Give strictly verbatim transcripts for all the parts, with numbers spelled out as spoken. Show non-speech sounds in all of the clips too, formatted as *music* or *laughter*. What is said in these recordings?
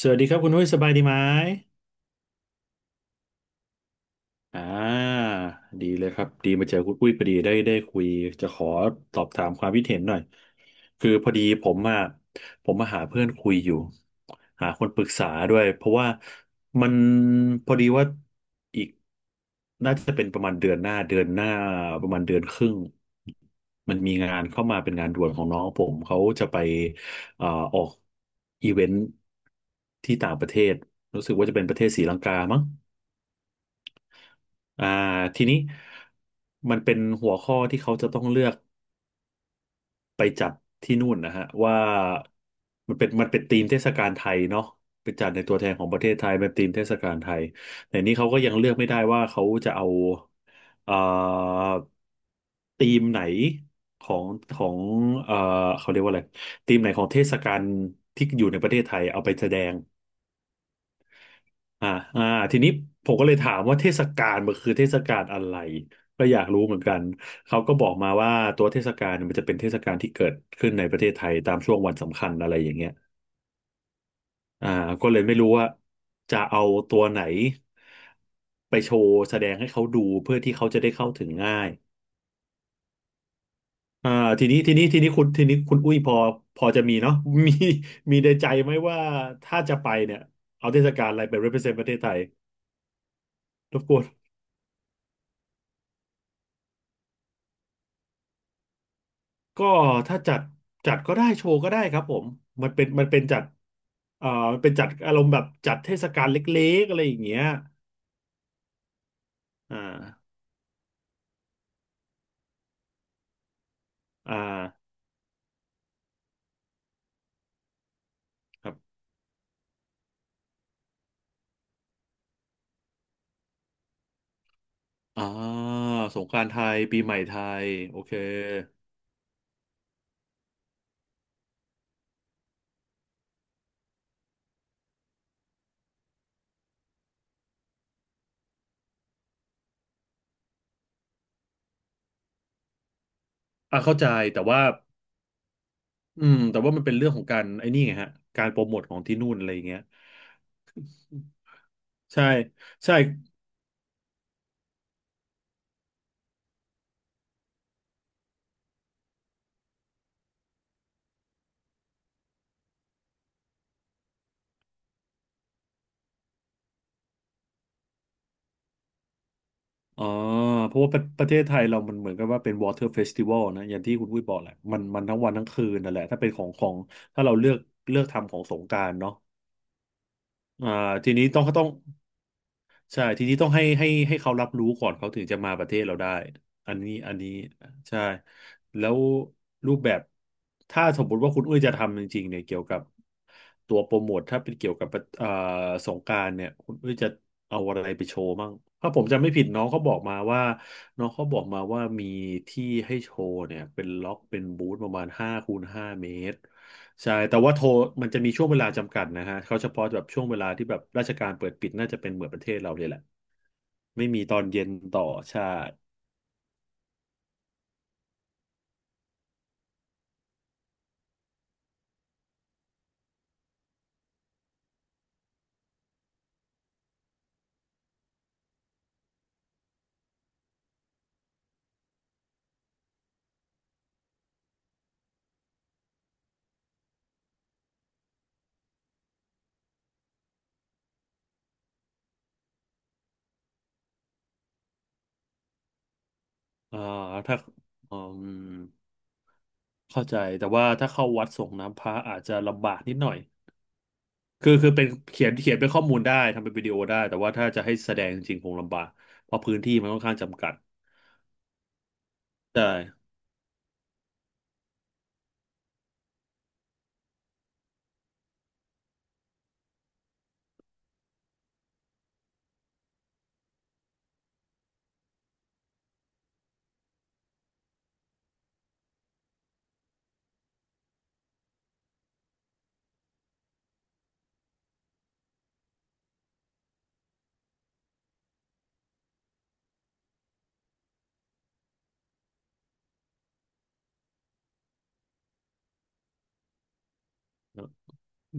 สวัสดีครับคุณนุ้ยสบายดีไหม อ่าดีเลยครับดีมาเจอคุณปุ้ยพอดีได้ได้คุยจะขอสอบถามความคิดเห็นหน่อยคือพอดีผมอ่ะผมมาหาเพื่อนคุยอยู่หาคนปรึกษาด้วยเพราะว่ามันพอดีว่าอีกน่าจะเป็นประมาณเดือนหน้าเดือนหน้าประมาณเดือนครึ่งมันมีงานเข้ามาเป็นงานด่วนของน้องผมเขาจะไปเอ่อออกอีเวนท์ที่ต่างประเทศรู้สึกว่าจะเป็นประเทศศรีลังกามั้ง อ่าทีนี้มันเป็นหัวข้อที่เขาจะต้องเลือกไปจัดที่นู่นนะฮะว่ามันเป็นมันเป็นธีมเทศกาลไทยเนาะไปจัดในตัวแทนของประเทศไทยเป็นธีมเทศกาลไทยแต่นี้เขาก็ยังเลือกไม่ได้ว่าเขาจะเอาเอ่อธีมไหนของของเอ่อเขาเรียกว่าอะไรธีมไหนของเทศกาลที่อยู่ในประเทศไทยเอาไปแสดง อ่าอ่าทีนี้ผมก็เลยถามว่าเทศกาลมันคือเทศกาลอะไรก็อยากรู้เหมือนกันเขาก็บอกมาว่าตัวเทศกาลเนี่ยมันจะเป็นเทศกาลที่เกิดขึ้นในประเทศไทยตามช่วงวันสำคัญอะไรอย่างเงี้ยอ่าก็เลยไม่รู้ว่าจะเอาตัวไหนไปโชว์แสดงให้เขาดูเพื่อที่เขาจะได้เข้าถึงง่ายอ่าทีนี้ทีนี้ทีนี้คุณทีนี้คุณอุ้ยพอพอจะมีเนาะ *laughs* มีมีในใจไหมว่าถ้าจะไปเนี่ยเอาเทศกาลอะไรไป represent ประเทศไทยรบกวน ก็ถ้าจัดจัดก็ได้โชว์ก็ได้ครับผมมันเป็นมันเป็นจัดเอ่อมันเป็นจัดอารมณ์แบบจัดเทศกาลเล็กๆอะไรอย่างเงี้ยอ่าอ่าครับอ่าสงกรานต์ไทยปีใหม่ไทยโอเคอ่าเข้าใจแต่ว่าอืมแต่ว่ามันเป็นเรื่องของการไอ้นี่ไงฮะการโปรโมทของที่นู่นอะไรอย่างเงี้ยใช่ใช่ อ๋อเพราะว่าประประเทศไทยเรามันเหมือนกับว่าเป็น Water Festival นะอย่างที่คุณวุ้ยบอกแหละมันมันทั้งวันทั้งคืนนั่นแหละถ้าเป็นของของถ้าเราเลือกเลือกทำของสงกรานต์เนาะอ่าทีนี้ต้องต้อง ใช่ทีนี้ต้องให้ให้ให้เขารับรู้ก่อนเขาถึงจะมาประเทศเราได้อันนี้อันนี้ใช่แล้วรูปแบบถ้าสมมติว่าคุณอุ้ยจะทำจริงๆเนี่ยเกี่ยวกับตัวโปรโมทถ้าเป็นเกี่ยวกับเอ่อสงกรานต์เนี่ยคุณอุ้ยจะเอาอะไรไปโชว์บ้างถ้าผมจำไม่ผิดน้องเขาบอกมาว่าน้องเขาบอกมาว่ามีที่ให้โชว์เนี่ยเป็นล็อกเป็นบูธประมาณห้าคูณห้าเมตร ใช่แต่ว่าโทรมันจะมีช่วงเวลาจำกัดนะฮะเขาเฉพาะแบบช่วงเวลาที่แบบราชการเปิดปิดน่าจะเป็นเหมือนประเทศเราเลยแหละไม่มีตอนเย็นต่อใช่อ่าถ้าอืมเข้าใจแต่ว่าถ้าเข้าวัดส่งน้ำพระอาจจะลำบากนิดหน่อยคือคือเป็นเขียนเขียนเป็นข้อมูลได้ทำเป็นวิดีโอได้แต่ว่าถ้าจะให้แสดงจริงๆคงลำบากเพราะพื้นที่มันค่อนข้างจำกัดใช่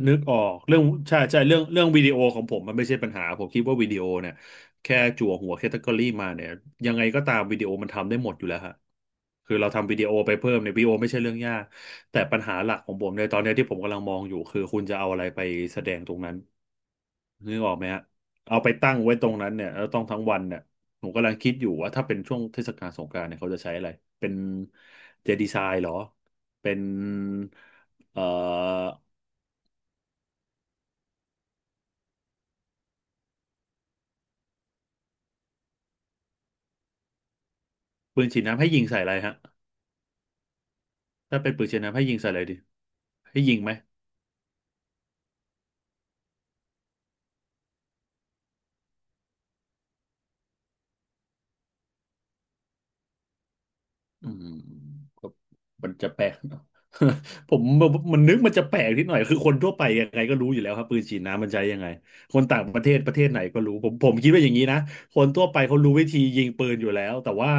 นึกออกเรื่องใช่ใช่เรื่องเรื่องวิดีโอของผมมันไม่ใช่ปัญหาผมคิดว่าวิดีโอเนี่ยแค่จั่วหัวแคตตากรีมาเนี่ยยังไงก็ตามวิดีโอมันทำได้หมดอยู่แล้วฮะคือเราทำวิดีโอไปเพิ่มเนี่ยวิดีโอไม่ใช่เรื่องยากแต่ปัญหาหลักของผมในตอนเนี้ยที่ผมกำลังมองอยู่คือคุณจะเอาอะไรไปแสดงตรงนั้นนึกออกไหมฮะเอาไปตั้งไว้ตรงนั้นเนี่ยแล้วต้องทั้งวันเนี่ยผมกำลังคิดอยู่ว่าถ้าเป็นช่วงเทศกาลสงกรานต์เนี่ยเขาจะใช้อะไรเป็นเจดีไซน์เหรอเป็นเอ่อ ปืนฉีดน้ำให้ยิงใส่อะไรฮะถ้าเป็นปืนฉีดน้ำให้ยิงใส่อะไรดีให้ยิงไหมอืมก็มันจะแปลกเนอะ *laughs* ผมมันนึกมันจะแปลกนิดหน่อยคือคนทั่วไปยังไงก็รู้อยู่แล้วครับปืนฉีดน้ำมันใช้ยังไงคนต่างประเทศประเทศไหนก็รู้ผมผมคิดว่าอย่างนี้นะคนทั่วไปเขารู้วิธียิงปืนอยู่แล้วแต่ว่า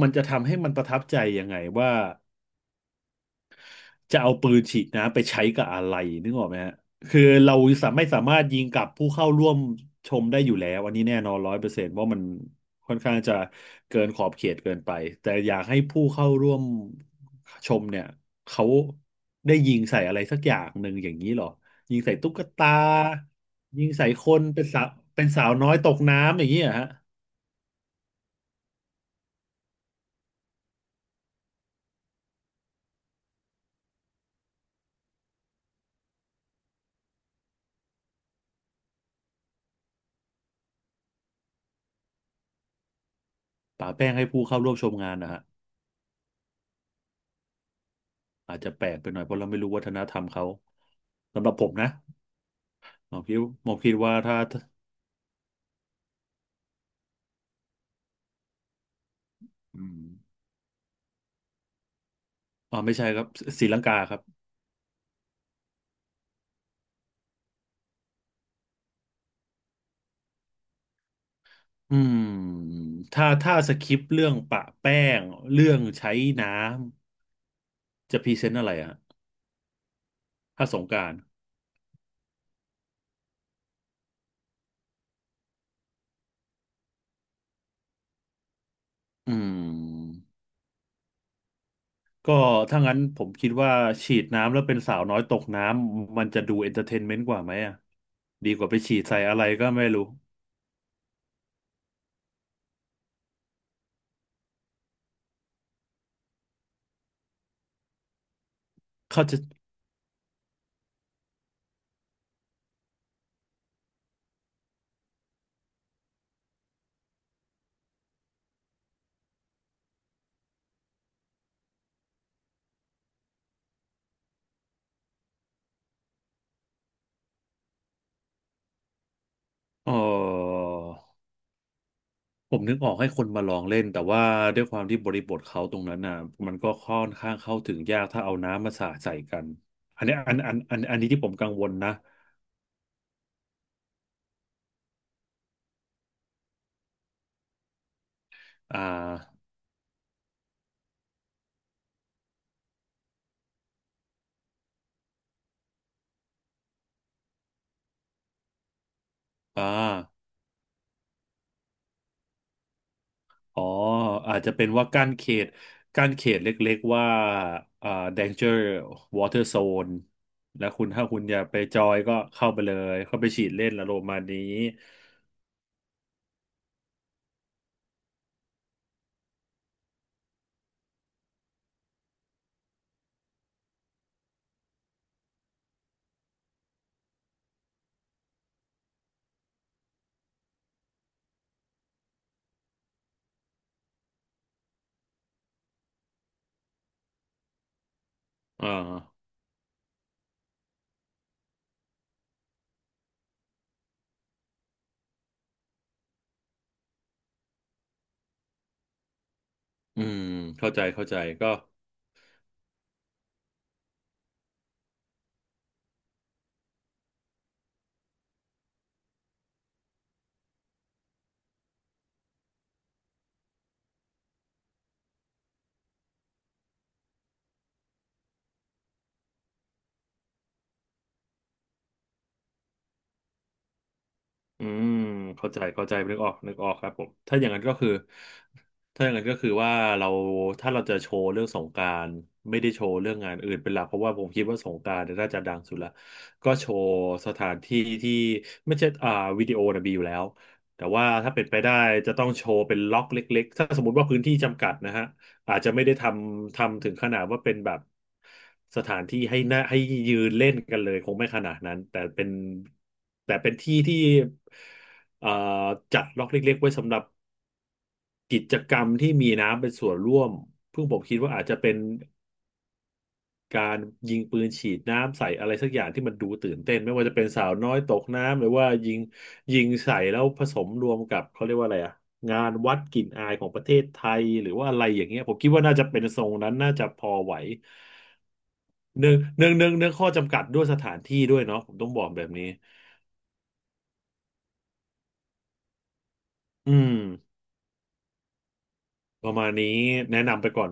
มันจะทำให้มันประทับใจยังไงว่า จะเอาปืนฉีดน้ำไปใช้กับอะไรนึกออกไหมฮะคือเราสามไม่สามารถยิงกับผู้เข้าร่วมชมได้อยู่แล้วอันนี้แน่นอนร้อยเปอร์เซนต์ว่ามันค่อนข้างจะเกินขอบเขตเกินไปแต่อยากให้ผู้เข้าร่วมชมเนี่ยเขาได้ยิงใส่อะไรสักอย่างหนึ่งอย่างนี้เหรอยิงใส่ตุ๊กตายิงใส่คนเป็นสาวเป็นสาวน้อยตกน้ำอย่างนี้เหรอฮะป่าแป้งให้ผู้เข้าร่วมชมงานนะฮะอาจจะแปลกไปหน่อยเพราะเราไม่รู้วัฒนธรรมเขาสำหรับผมนะ ผมคิดผมคิดว่าถ้าอืมอ๋อไม่ใช่ครับศรีลังกาครับอืมถ้าถ้าสคริปต์เรื่องปะแป้งเรื่องใช้น้ำจะพรีเซนต์อะไรอะถ้าสงกรานต์อืมก็ถ้างั้นผมคิดว่าฉีดน้ำแล้วเป็นสาวน้อยตกน้ำมันจะดูเอนเตอร์เทนเมนต์กว่าไหมอ่ะดีกว่าไปฉีดใส่อะไรก็ไม่รู้เขาจะเออ ผมนึกออกให้คนมาลองเล่นแต่ว่าด้วยความที่บริบทเขาตรงนั้นน่ะมันก็ค่อนข้างเข้าถึงยากถ้าเอาน้ำมาสาดใส่กันอันนี้อันอันอันอันนี้ที่ผมกังวลนะอ่าอ่าอ๋ออาจจะเป็นว่ากั้นเขตกั้นเขตเล็กๆว่าอ่า danger water zone แล้วคุณถ้าคุณอยากไปจอยก็เข้าไปเลยเข้าไปฉีดเล่นละโรมณ์ประมาณนี้อ่าอืมเข้าใจเข้าใจก็ อืมเข้าใจเข้าใจนึกออกนึกออกครับผมถ้าอย่างนั้นก็คือถ้าอย่างนั้นก็คือว่าเราถ้าเราจะโชว์เรื่องสงกรานต์ไม่ได้โชว์เรื่องงานอื่นเป็นหลักเพราะว่าผมคิดว่าสงกรานต์เนี่ยน่าจะดังสุดละก็โชว์สถานที่ที่ไม่ใช่อ่าวิดีโอนะมีอยู่แล้วแต่ว่าถ้าเป็นไปได้จะต้องโชว์เป็นล็อกเล็กๆถ้าสมมติว่าพื้นที่จำกัดนะฮะ อาจจะไม่ได้ทำทำถึงขนาดว่าเป็นแบบสถานที่ให้น่าให้ยืนเล่นกันเลยคงไม่ขนาดนั้นแต่เป็นแต่เป็นที่ที่เอ่อจัดล็อกเล็กๆไว้สำหรับกิจกรรมที่มีน้ำเป็นส่วนร่วมเพิ่งผมคิดว่าอาจจะเป็น การยิงปืนฉีดน้ำใส่อะไรสักอย่างที่มันดูตื่นเต้นไม่ว่าจะเป็นสาวน้อยตกน้ำหรือว่ายิงยิงใส่แล้วผสมรวมกับเขาเรียกว่าอะไรอะงานวัดกลิ่นอายของประเทศไทยหรือว่าอะไรอย่างเงี้ยผมคิดว่าน่าจะเป็นทรงนั้นน่าจะพอไหวเนื่องเนื่องเนื่องเนื่องข้อจำกัดด้วยสถานที่ด้วยเนาะผมต้องบอกแบบนี้อืมประมาณนี้แนะนำไปก่อน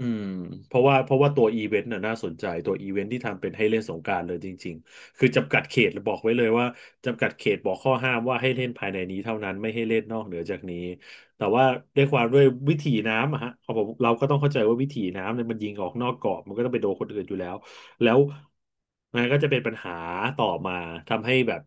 อืมเพราะว่าเพราะว่าตัวอีเวนต์น่ะน่าสนใจตัวอีเวนต์ที่ทำเป็นให้เล่นสงกรานต์เลยจริงๆคือจำกัดเขตบอกไว้เลยว่าจำกัดเขตบอกข้อห้ามว่าให้เล่นภายในนี้เท่านั้นไม่ให้เล่นนอกเหนือจากนี้แต่ว่าด้วยความด้วยวิถีน้ำอะฮะเอาผมเราก็ต้องเข้าใจว่าวิถีน้ำเนี่ยมันยิงออกนอกกรอบมันก็ต้องไปโดนคนอื่นอยู่แล้วแล้วมันก็จะเป็นปัญหาต่อมาทำให้แบบ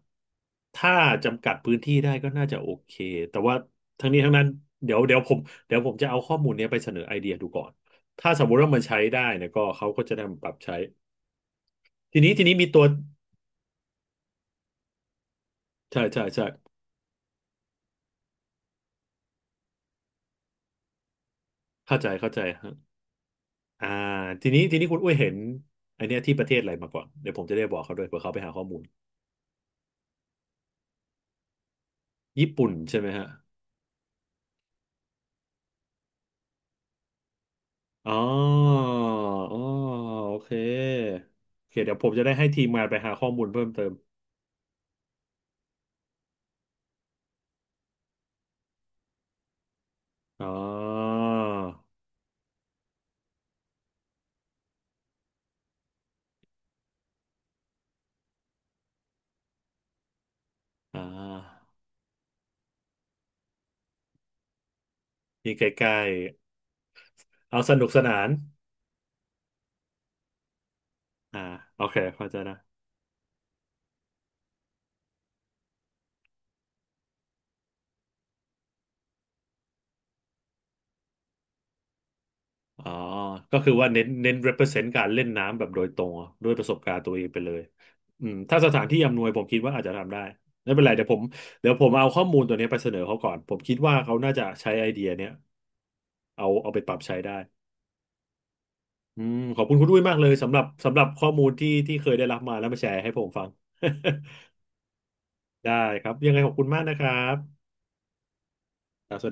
ถ้าจำกัดพื้นที่ได้ก็น่าจะโอเคแต่ว่าทั้งนี้ทั้งนั้นเดี๋ยวเดี๋ยวผมเดี๋ยวผมจะเอาข้อมูลเนี้ยไปเสนอไอเดียดูก่อน ถ้าสมมติว่ามันใช้ได้เนี่ยก็เขาก็จะนำปรับใช้ทีนี้ทีนี้มีตัวใช่ใช่ใช่เข้าใจเข้าใจฮะอ่าทีนี้ทีนี้คุณอุ้ยเห็นไอเนี้ยที่ประเทศอะไรมาก่อนเดี๋ยวผมจะได้บอกเขาด้วยเผื่อเขาไปหาข้อมูลญี่ปุ่นใช่ไหมฮะอ๋ออ๋อโอเคโอเคเดี๋ยวผมจะได้ให้ทีมงานไปหาข้อมูลเพิ่มเติมอ๋ออ่านี่ใกล้ๆเอาสนุกสนานอ่าโอเคเข้าใจนะ อ๋อก็คือว่าเน้นเน้น represent การเล่นน้ำแบบโดยตรงอะด้วยประสบการณ์ตัวเองไปเลยอืมถ้าสถานที่อำนวยผมคิดว่าอาจจะทำได้ไม่เป็นไรเดี๋ยวผมเดี๋ยวผมเอาข้อมูลตัวเนี้ยไปเสนอเขาก่อนผมคิดว่าเขาน่าจะใช้ไอเดียเนี้ยเอาเอาไปปรับใช้ได้อืมขอบคุณคุณด้วยมากเลยสำหรับสำหรับข้อมูลที่ที่เคยได้รับมาแล้วมาแชร์ให้ผมฟัง *laughs* ได้ครับยังไงขอบคุณมากนะครับครับสวัสดี